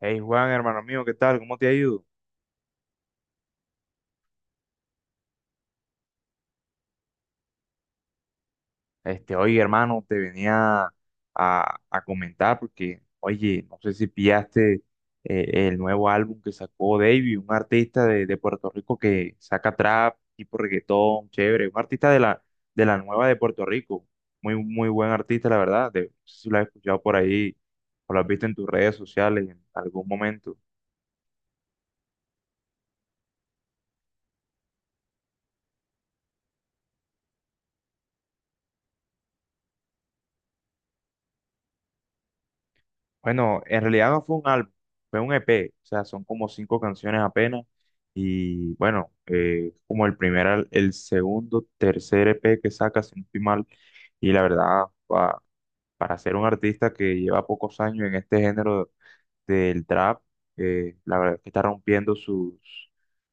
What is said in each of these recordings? Hey Juan, hermano mío, ¿qué tal? ¿Cómo te ha ido? Oye, hermano, te venía a comentar porque, oye, no sé si pillaste el nuevo álbum que sacó Davey, un artista de Puerto Rico que saca trap, tipo reggaetón, chévere, un artista de la nueva de Puerto Rico, muy, muy buen artista, la verdad, no sé si lo has escuchado por ahí o lo has visto en tus redes sociales en algún momento. Bueno, en realidad no fue un álbum, fue un EP, o sea, son como cinco canciones apenas. Y bueno, como el primer, el segundo, tercer EP que saca, si no estoy mal. Y la verdad, para ser un artista que lleva pocos años en este género, del trap. Eh, la verdad es que está rompiendo sus,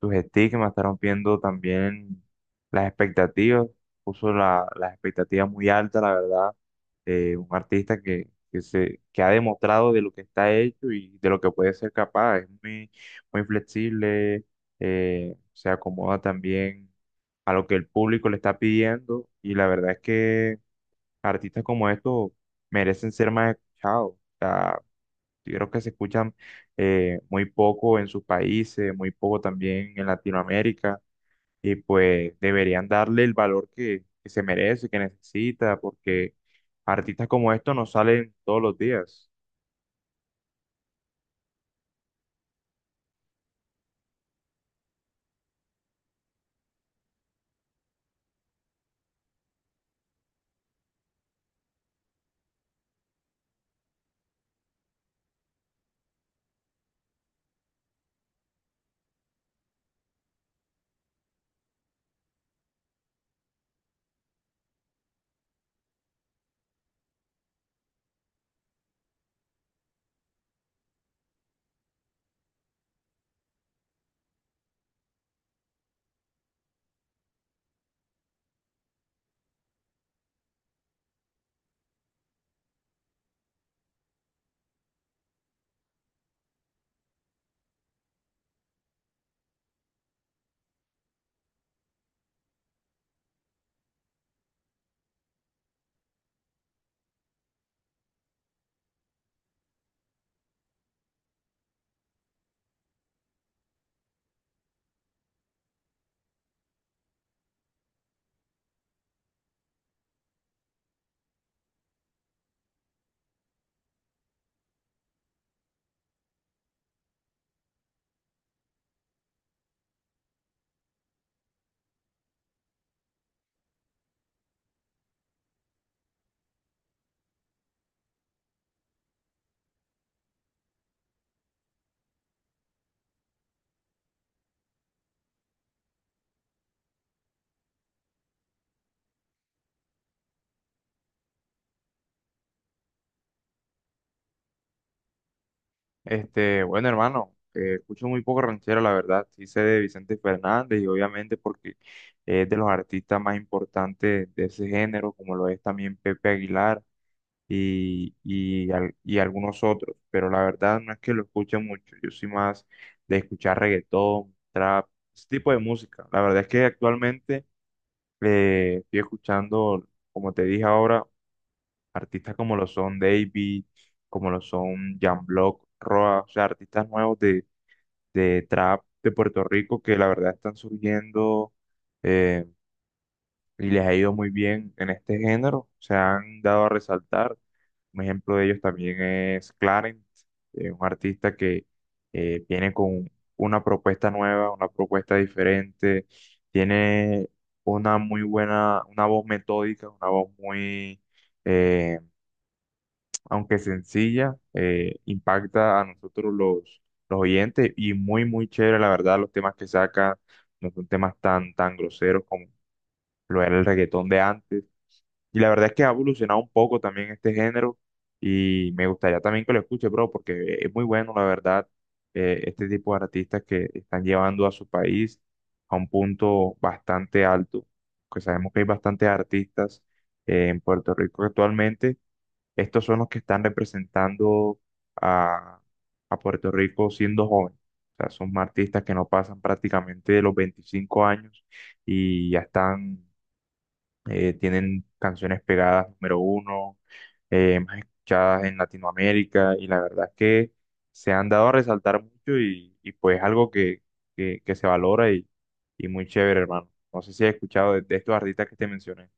sus estigmas, está rompiendo también las expectativas, puso las expectativas muy altas, la verdad. Eh, un artista que, que ha demostrado de lo que está hecho y de lo que puede ser capaz. Es muy, muy flexible, se acomoda también a lo que el público le está pidiendo, y la verdad es que artistas como estos merecen ser más escuchados. O sea, creo que se escuchan muy poco en sus países, muy poco también en Latinoamérica, y pues deberían darle el valor que se merece, que necesita, porque artistas como estos no salen todos los días. Bueno, hermano, escucho muy poco ranchero, la verdad. Sí sé de Vicente Fernández, y obviamente porque es de los artistas más importantes de ese género, como lo es también Pepe Aguilar. Y algunos otros, pero la verdad no es que lo escuche mucho, yo soy más de escuchar reggaetón, trap, ese tipo de música. La verdad es que actualmente estoy escuchando, como te dije ahora, artistas como lo son Davey, como lo son Jan Block, Roa, o sea, artistas nuevos de trap de Puerto Rico que la verdad están surgiendo, eh, y les ha ido muy bien en este género, se han dado a resaltar. Un ejemplo de ellos también es Clarence, un artista que viene con una propuesta nueva, una propuesta diferente, tiene una muy buena, una voz metódica, una voz muy, eh, aunque sencilla, impacta a nosotros los oyentes, y muy, muy chévere, la verdad, los temas que saca no son temas tan, tan groseros como lo era el reggaetón de antes. Y la verdad es que ha evolucionado un poco también este género, y me gustaría también que lo escuche, bro, porque es muy bueno, la verdad, este tipo de artistas que están llevando a su país a un punto bastante alto, que sabemos que hay bastantes artistas en Puerto Rico actualmente. Estos son los que están representando a, a Puerto Rico siendo jóvenes. O sea, son artistas que no pasan prácticamente de los 25 años y ya están, tienen canciones pegadas número uno, más escuchadas en Latinoamérica, y la verdad es que se han dado a resaltar mucho y pues algo que, que se valora, y muy chévere, hermano. No sé si has escuchado de estos artistas que te mencioné.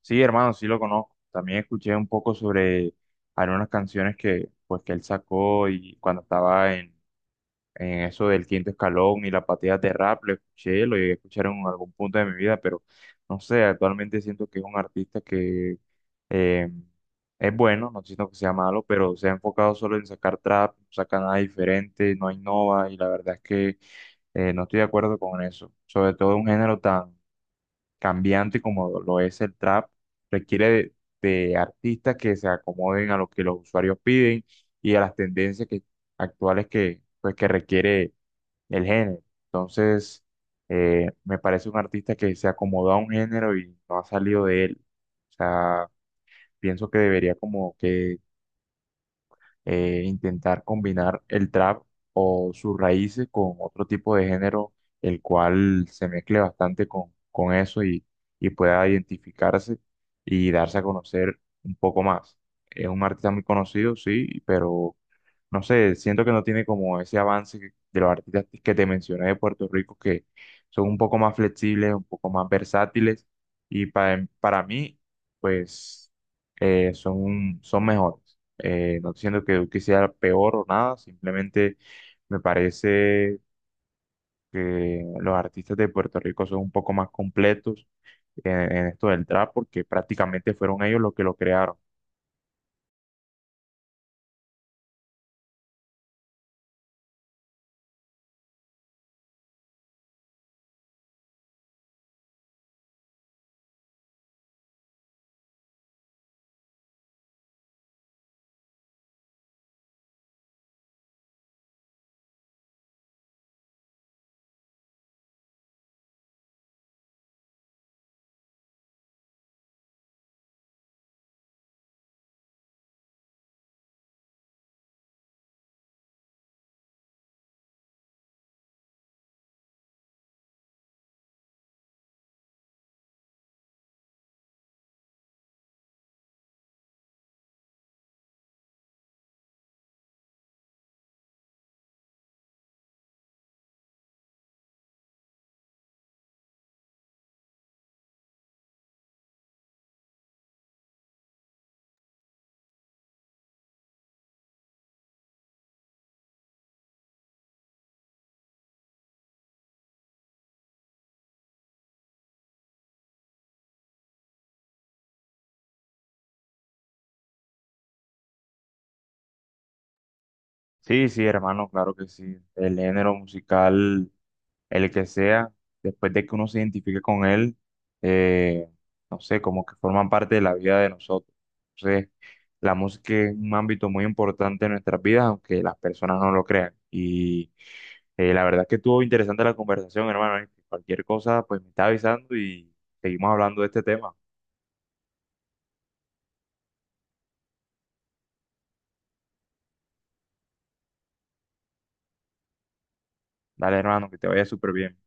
Sí, hermano, sí lo conozco. También escuché un poco sobre algunas canciones que, pues, que él sacó y cuando estaba en eso del quinto escalón y la pateada de rap, lo escuché, lo llegué a escuchar en algún punto de mi vida, pero no sé, actualmente siento que es un artista que eh, es bueno, no siento que sea malo, pero se ha enfocado solo en sacar trap, no saca nada diferente, no innova, y la verdad es que no estoy de acuerdo con eso. Sobre todo un género tan cambiante como lo es el trap, requiere de artistas que se acomoden a lo que los usuarios piden y a las tendencias que, actuales que, pues, que requiere el género. Entonces, me parece un artista que se acomodó a un género y no ha salido de él. O sea, pienso que debería como que intentar combinar el trap o sus raíces con otro tipo de género, el cual se mezcle bastante con eso, y pueda identificarse y darse a conocer un poco más. Es un artista muy conocido, sí, pero no sé, siento que no tiene como ese avance de los artistas que te mencioné de Puerto Rico, que son un poco más flexibles, un poco más versátiles, y para mí, pues, son mejores. No estoy diciendo que Duque sea peor o nada, simplemente me parece que los artistas de Puerto Rico son un poco más completos en esto del trap, porque prácticamente fueron ellos los que lo crearon. Sí, sí, hermano, claro que sí. El género musical el que sea, después de que uno se identifique con él, eh, no sé, como que forman parte de la vida de nosotros. Entonces, la música es un ámbito muy importante en nuestras vidas, aunque las personas no lo crean. Y la verdad es que estuvo interesante la conversación, hermano. Cualquier cosa, pues me está avisando y seguimos hablando de este tema. Dale, hermano, que te vaya súper bien.